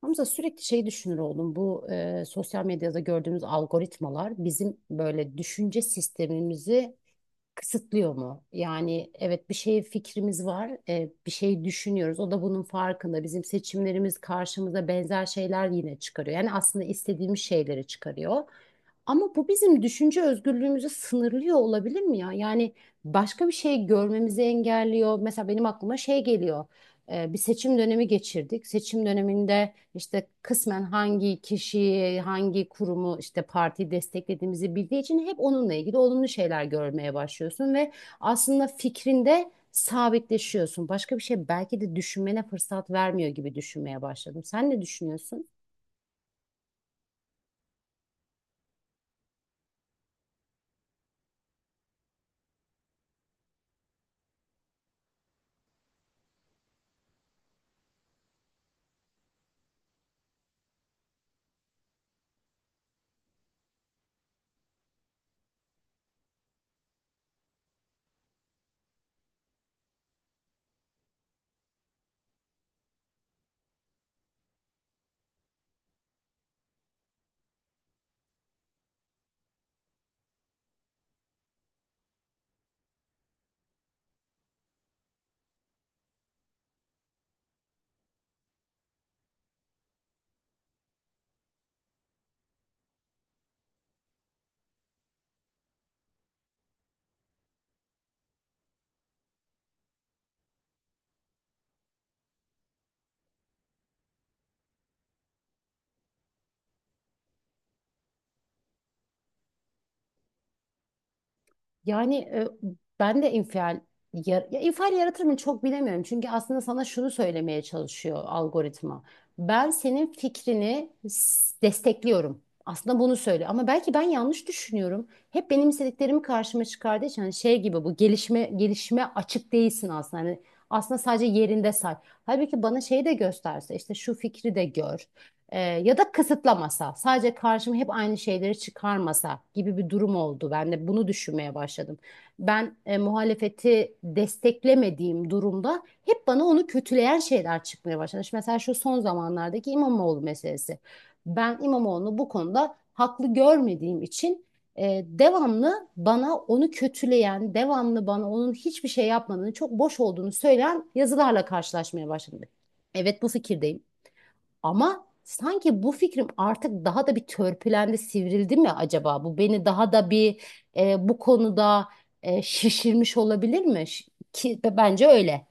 Hamza sürekli şey düşünür oldum. Bu sosyal medyada gördüğümüz algoritmalar bizim böyle düşünce sistemimizi kısıtlıyor mu? Yani evet bir şey fikrimiz var, bir şey düşünüyoruz. O da bunun farkında. Bizim seçimlerimiz karşımıza benzer şeyler yine çıkarıyor. Yani aslında istediğimiz şeyleri çıkarıyor. Ama bu bizim düşünce özgürlüğümüzü sınırlıyor olabilir mi ya? Yani başka bir şey görmemizi engelliyor. Mesela benim aklıma şey geliyor. Bir seçim dönemi geçirdik. Seçim döneminde işte kısmen hangi kişiyi, hangi kurumu işte partiyi desteklediğimizi bildiği için hep onunla ilgili olumlu şeyler görmeye başlıyorsun ve aslında fikrinde sabitleşiyorsun. Başka bir şey belki de düşünmene fırsat vermiyor gibi düşünmeye başladım. Sen ne düşünüyorsun? Yani ben de infial ya infial yaratır mı çok bilemiyorum. Çünkü aslında sana şunu söylemeye çalışıyor algoritma. Ben senin fikrini destekliyorum. Aslında bunu söylüyor ama belki ben yanlış düşünüyorum. Hep benim istediklerimi karşıma çıkardığı için hani şey gibi bu gelişime açık değilsin aslında. Hani aslında sadece yerinde say. Halbuki bana şeyi de gösterse işte şu fikri de gör. Ya da kısıtlamasa, sadece karşıma hep aynı şeyleri çıkarmasa gibi bir durum oldu. Ben de bunu düşünmeye başladım. Ben muhalefeti desteklemediğim durumda hep bana onu kötüleyen şeyler çıkmaya başladı. İşte mesela şu son zamanlardaki İmamoğlu meselesi. Ben İmamoğlu'nu bu konuda haklı görmediğim için devamlı bana onu kötüleyen, devamlı bana onun hiçbir şey yapmadığını, çok boş olduğunu söyleyen yazılarla karşılaşmaya başladım. Evet bu fikirdeyim. Ama sanki bu fikrim artık daha da bir törpülendi, sivrildi mi acaba? Bu beni daha da bir bu konuda şişirmiş olabilir mi? Ki bence öyle.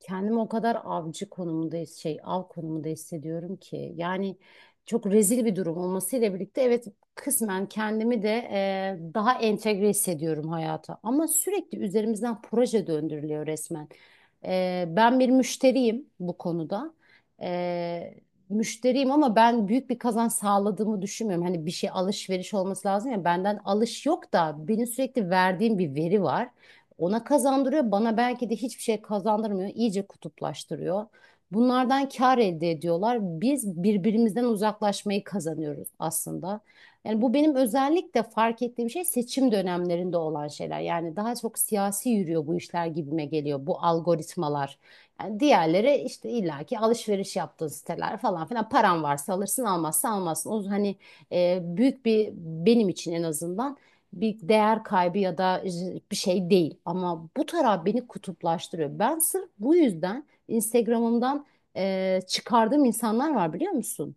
Kendimi o kadar avcı konumunda şey av konumunda hissediyorum ki yani çok rezil bir durum olmasıyla birlikte evet kısmen kendimi de daha entegre hissediyorum hayata ama sürekli üzerimizden proje döndürülüyor resmen. Ben bir müşteriyim bu konuda. E, Müşteriyim ama ben büyük bir kazanç sağladığımı düşünmüyorum. Hani bir şey alışveriş olması lazım ya benden alış yok da benim sürekli verdiğim bir veri var. Ona kazandırıyor, bana belki de hiçbir şey kazandırmıyor, iyice kutuplaştırıyor. Bunlardan kar elde ediyorlar. Biz birbirimizden uzaklaşmayı kazanıyoruz aslında. Yani bu benim özellikle fark ettiğim şey seçim dönemlerinde olan şeyler. Yani daha çok siyasi yürüyor bu işler gibime geliyor bu algoritmalar. Yani diğerleri işte illaki alışveriş yaptığın siteler falan filan paran varsa alırsın almazsa almazsın. O hani büyük bir benim için en azından bir değer kaybı ya da bir şey değil. Ama bu taraf beni kutuplaştırıyor. Ben sırf bu yüzden Instagram'ımdan çıkardığım insanlar var biliyor musun?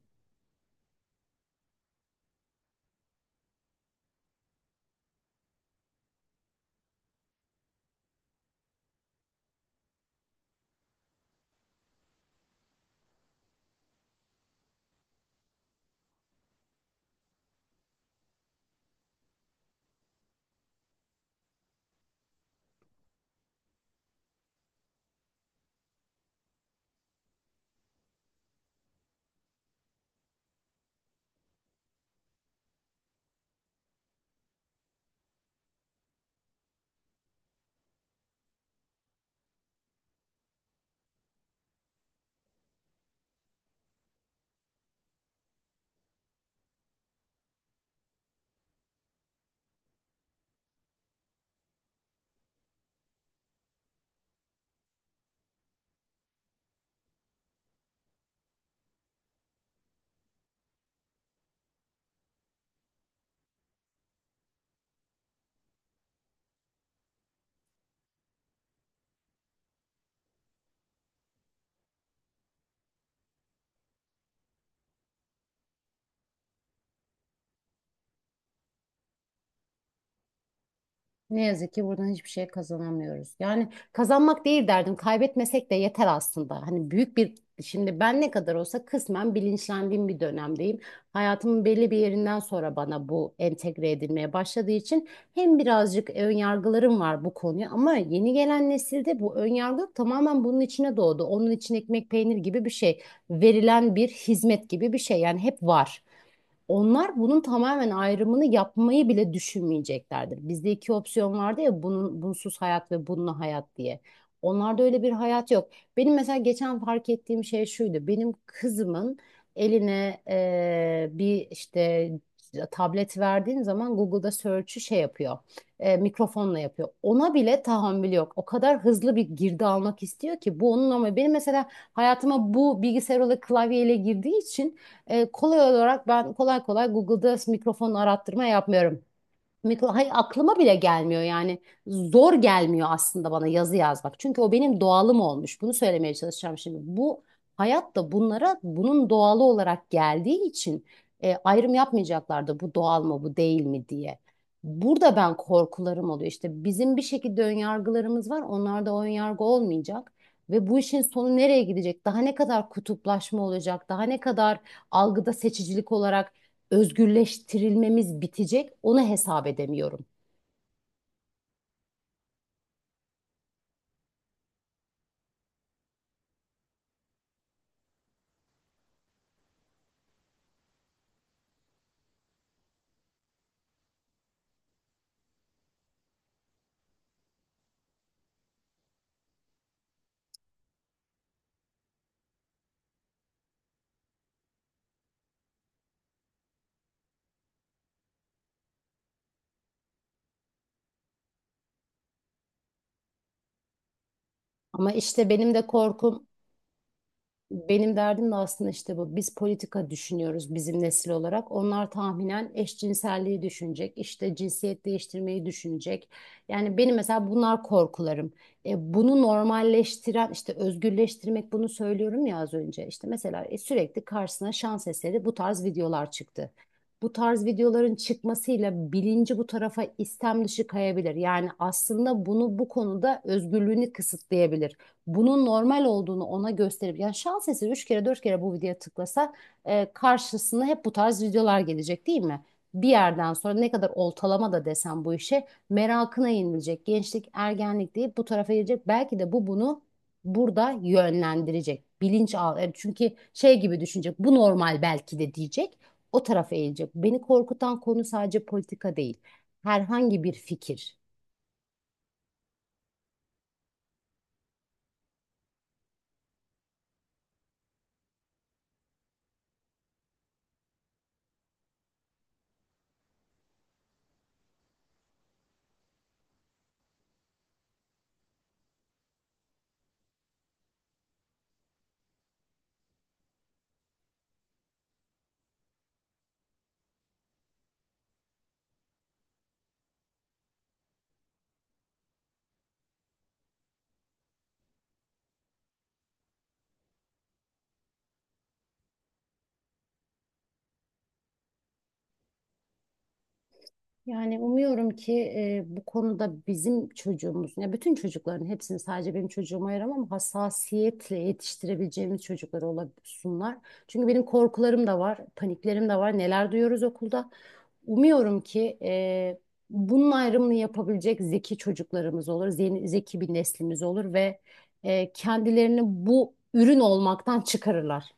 Ne yazık ki buradan hiçbir şey kazanamıyoruz. Yani kazanmak değil derdim, kaybetmesek de yeter aslında. Hani büyük bir, şimdi ben ne kadar olsa kısmen bilinçlendiğim bir dönemdeyim. Hayatımın belli bir yerinden sonra bana bu entegre edilmeye başladığı için hem birazcık ön yargılarım var bu konuya ama yeni gelen nesilde bu ön yargı yok. Tamamen bunun içine doğdu. Onun için ekmek peynir gibi bir şey, verilen bir hizmet gibi bir şey yani hep var. Onlar bunun tamamen ayrımını yapmayı bile düşünmeyeceklerdir. Bizde iki opsiyon vardı ya bunun bunsuz hayat ve bununla hayat diye. Onlarda öyle bir hayat yok. Benim mesela geçen fark ettiğim şey şuydu. Benim kızımın eline bir işte tablet verdiğim zaman Google'da search'ü şey yapıyor. Mikrofonla yapıyor. Ona bile tahammül yok. O kadar hızlı bir girdi almak istiyor ki bu onun ama benim mesela hayatıma bu bilgisayar olarak klavyeyle girdiği için kolay olarak ben kolay kolay Google'da mikrofon arattırma yapmıyorum. Hayır, aklıma bile gelmiyor yani zor gelmiyor aslında bana yazı yazmak. Çünkü o benim doğalım olmuş. Bunu söylemeye çalışacağım şimdi. Bu hayat da bunlara bunun doğalı olarak geldiği için ayrım yapmayacaklar da bu doğal mı bu değil mi diye. Burada ben korkularım oluyor. İşte bizim bir şekilde önyargılarımız var. Onlarda o önyargı olmayacak. Ve bu işin sonu nereye gidecek? Daha ne kadar kutuplaşma olacak? Daha ne kadar algıda seçicilik olarak özgürleştirilmemiz bitecek onu hesap edemiyorum. Ama işte benim de korkum benim derdim de aslında işte bu. Biz politika düşünüyoruz bizim nesil olarak. Onlar tahminen eşcinselliği düşünecek, işte cinsiyet değiştirmeyi düşünecek. Yani benim mesela bunlar korkularım. Bunu normalleştiren, işte özgürleştirmek bunu söylüyorum ya az önce. İşte mesela sürekli karşısına şans eseri bu tarz videolar çıktı. Bu tarz videoların çıkmasıyla bilinci bu tarafa istem dışı kayabilir. Yani aslında bunu bu konuda özgürlüğünü kısıtlayabilir bunun normal olduğunu ona gösterip yani şans eseri 3 kere 4 kere bu videoya tıklasa karşısına hep bu tarz videolar gelecek değil mi? Bir yerden sonra ne kadar oltalama da desem bu işe merakına yenilecek. Gençlik, ergenlik deyip bu tarafa gelecek. Belki de bu bunu burada yönlendirecek. Bilinç al. Yani çünkü şey gibi düşünecek. Bu normal belki de diyecek. O tarafa eğilecek. Beni korkutan konu sadece politika değil. Herhangi bir fikir. Yani umuyorum ki bu konuda bizim çocuğumuz, ya bütün çocukların hepsini sadece benim çocuğuma ayıramam hassasiyetle yetiştirebileceğimiz çocuklar olsunlar. Çünkü benim korkularım da var, paniklerim de var. Neler duyuyoruz okulda. Umuyorum ki bunun ayrımını yapabilecek zeki çocuklarımız olur, zeki, zeki bir neslimiz olur ve kendilerini bu ürün olmaktan çıkarırlar.